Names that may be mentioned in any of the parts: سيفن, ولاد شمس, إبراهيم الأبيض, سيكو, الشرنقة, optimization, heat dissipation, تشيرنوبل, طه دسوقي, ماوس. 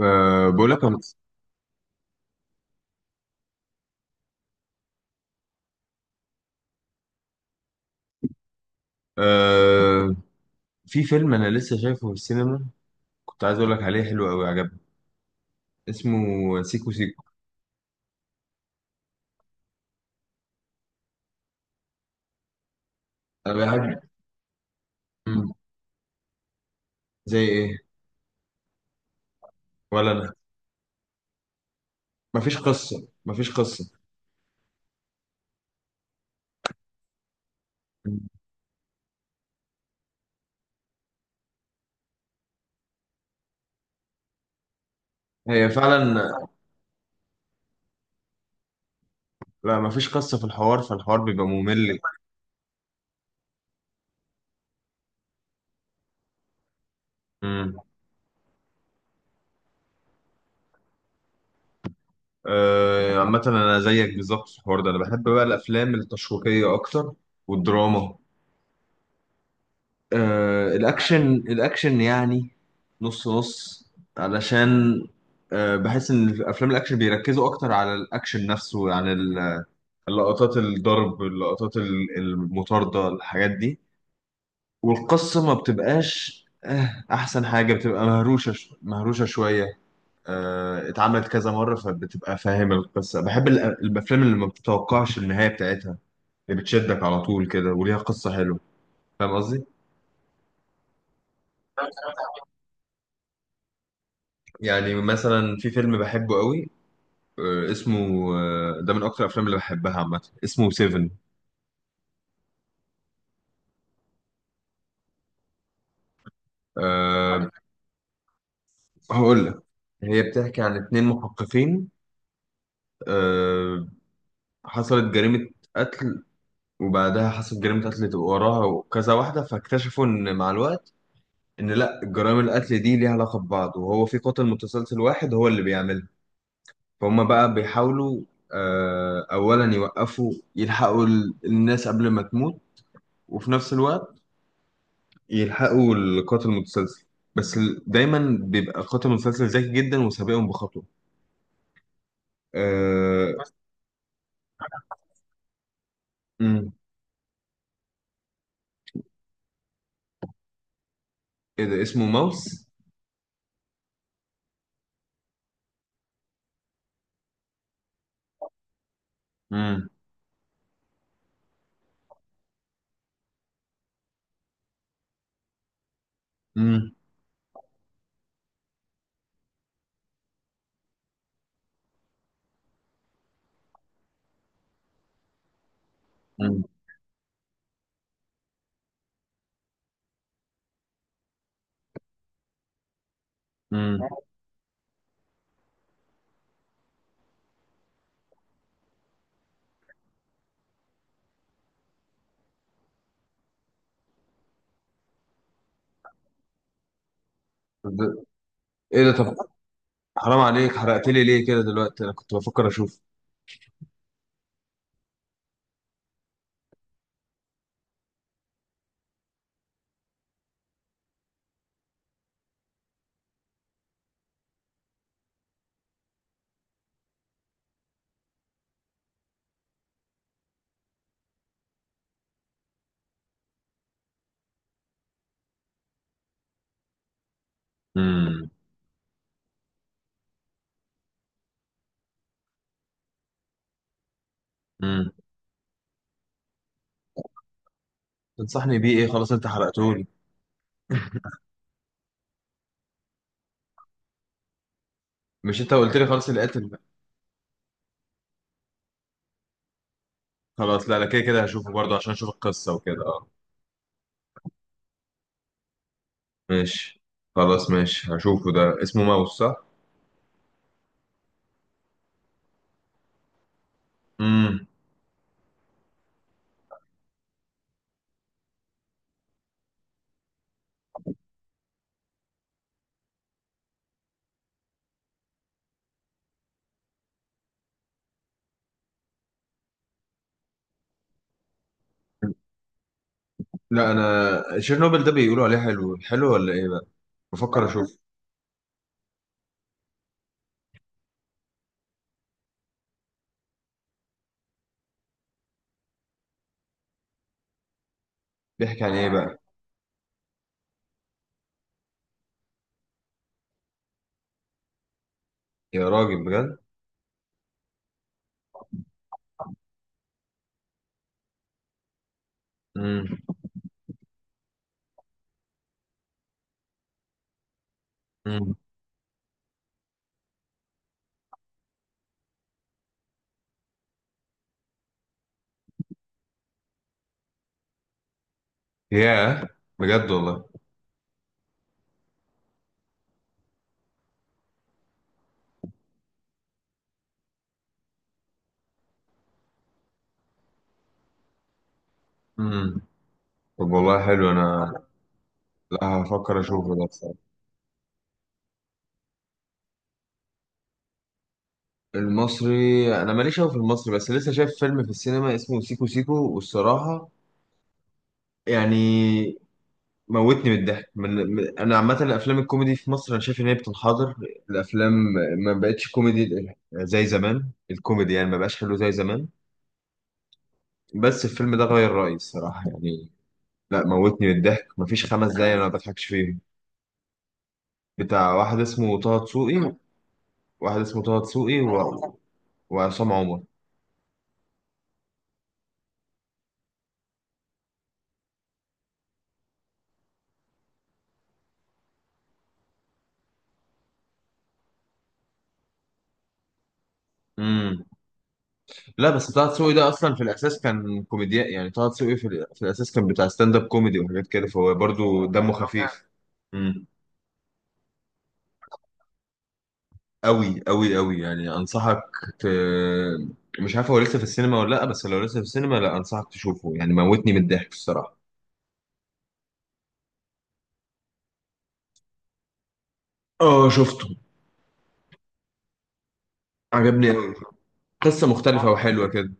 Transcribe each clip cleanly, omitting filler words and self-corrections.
أه، بقول لك أه، في فيلم انا لسه شايفه في السينما. كنت عايز اقول لك عليه، حلو قوي، عجبني. اسمه سيكو سيكو. انا بحب. مم. زي ايه؟ ولا انا. مفيش قصه مفيش قصه. هي فعلا. لا، مفيش قصه في الحوار، فالحوار بيبقى ممل. مم. أه، عامه انا زيك بالظبط في الحوار ده. انا بحب بقى الافلام التشويقيه اكتر، والدراما. الاكشن يعني، نص نص، علشان بحس ان في افلام الاكشن بيركزوا اكتر على الاكشن نفسه عن اللقطات، الضرب، اللقطات المطاردة، الحاجات دي. والقصة ما بتبقاش، احسن حاجة بتبقى مهروشة، مهروشة شوية. اتعملت كذا مرة فبتبقى فاهم القصة. بحب الافلام اللي ما بتتوقعش النهاية بتاعتها، اللي بتشدك على طول كده وليها قصة حلوة. فاهم قصدي؟ يعني مثلا في فيلم بحبه قوي. اسمه ده من اكتر الافلام اللي بحبها عامه، اسمه سيفن. أه. هقول لك. هي بتحكي عن اتنين محققين. أه. حصلت جريمة قتل، وبعدها حصلت جريمة قتل تبقى وراها، وكذا واحدة، فاكتشفوا ان مع الوقت ان لا جرائم القتل دي ليها علاقة ببعض، وهو في قاتل متسلسل واحد هو اللي بيعملها. فهم بقى بيحاولوا اولا يوقفوا، يلحقوا الناس قبل ما تموت، وفي نفس الوقت يلحقوا القاتل المتسلسل. بس دايما بيبقى قاتل متسلسل ذكي جدا وسابقهم بخطوة. آه... مم. ايه ده اسمه ماوس؟ مم. مم. مم. مم. ده- ايه ده؟ طب، حرام عليك، حرقت لي ليه كده دلوقتي؟ انا كنت بفكر اشوف. مم. مم. تنصحني بيه ايه؟ خلاص، انت حرقته لي. مش انت قلت لي خلاص اللي قاتل؟ خلاص لا لا، كده كده هشوفه برضه عشان اشوف القصة وكده، اه. ماشي، خلاص ماشي، هشوفه. ده اسمه ماوس صح؟ مم. لا، انا تشيرنوبل ده بيقولوا عليه حلو حلو ولا ايه بقى؟ بفكر اشوف. بيحكي عن ايه بقى؟ يا راجل بجد. امم. امم. ياه، بجد والله. امم. طب والله حلو. انا لا، هفكر اشوفه ده بصراحه. المصري انا ماليش قوي في المصري، بس لسه شايف فيلم في السينما اسمه سيكو سيكو، والصراحه يعني موتني من الضحك. انا عامه الافلام الكوميدي في مصر انا شايف ان هي بتنحدر، الافلام. ما بقتش كوميدي زي زمان، الكوميدي يعني ما بقاش حلو زي زمان. بس الفيلم ده غير رأيي الصراحة، يعني لا، موتني من الضحك، مفيش خمس دقايق انا ما بضحكش فيهم. بتاع واحد اسمه طه دسوقي. واحد اسمه طه دسوقي وعصام عمر. امم. لا، بس طه دسوقي ده اصلا في الاساس كان كوميديان. يعني طه دسوقي في الاساس كان بتاع ستاند اب كوميدي وحاجات كده، فهو برضو دمه خفيف. امم. قوي قوي قوي، يعني انصحك. ت... مش عارف هو لسه في السينما ولا لا، بس لو لسه في السينما، لا انصحك تشوفه يعني، موتني من الضحك الصراحة. اه، شفته، عجبني قوي. قصة مختلفة وحلوة كده.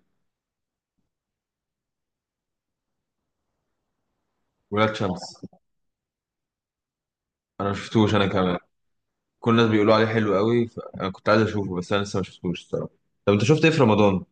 ولاد شمس؟ أنا ما شفتوش أنا كمان. كل الناس بيقولوا عليه حلو قوي، فأنا كنت عايز أشوفه، بس أنا لسه ما شفتوش الصراحة. طب أنت شفت إيه في رمضان؟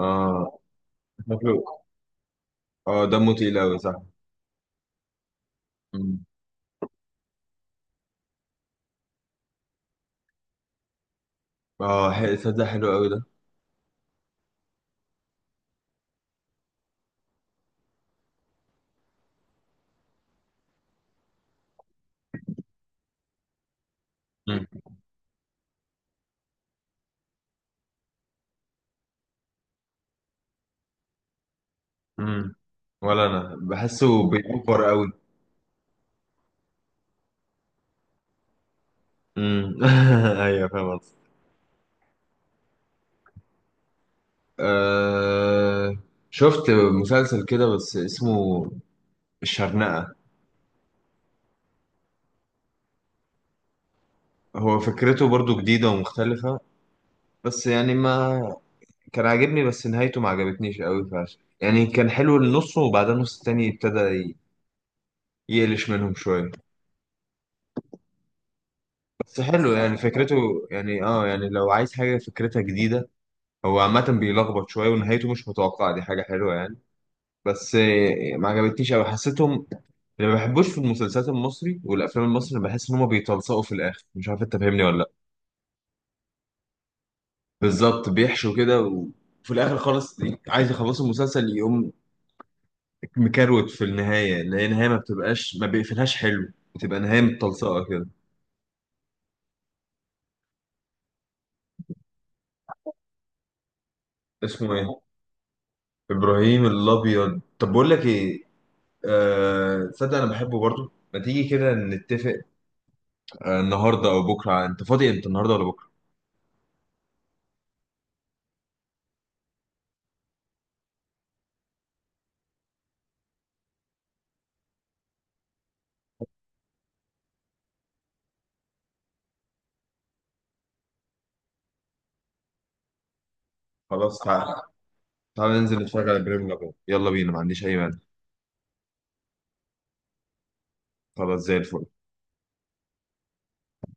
آه. شكله. آه، دمه تقيل قوي صح. مم. آه، حلو ده، حلو قوي ده. مم. مم. ولا أنا بحسه بيأفور قوي. مم. أيوه، فاهم قصدك. آه، شفت مسلسل كده بس اسمه الشرنقة. هو فكرته برضو جديدة ومختلفة، بس يعني ما كان عاجبني. بس نهايته ما عجبتنيش قوي، فعشان يعني كان حلو النص، وبعدين النص التاني ابتدى يقلش منهم شوية. بس حلو يعني فكرته. يعني لو عايز حاجة فكرتها جديدة، هو عامة بيلخبط شوية ونهايته مش متوقعة، دي حاجة حلوة يعني. بس ما عجبتنيش قوي، حسيتهم. اللي ما بحبوش في المسلسلات المصري والأفلام المصري، بحس إن هما بيتلصقوا في الآخر. مش عارف أنت فاهمني ولا لأ. بالظبط، بيحشوا كده، و في الاخر خالص عايز يخلصوا المسلسل يقوم مكروت في النهاية، اللي هي نهاية ما بتبقاش، ما بيقفلهاش حلو، بتبقى نهاية متلصقة كده. اسمه ايه؟ إبراهيم الأبيض؟ طب بقول لك ايه؟ آه، تصدق أنا بحبه برضو. ما تيجي كده نتفق، النهاردة أو بكرة؟ أنت فاضي أنت، النهاردة ولا بكرة؟ خلاص تعالى، تعالى ننزل نتفرج على إبراهيم الأبيض، يلا بينا، ما عنديش أي مانع. خلاص زي الفل.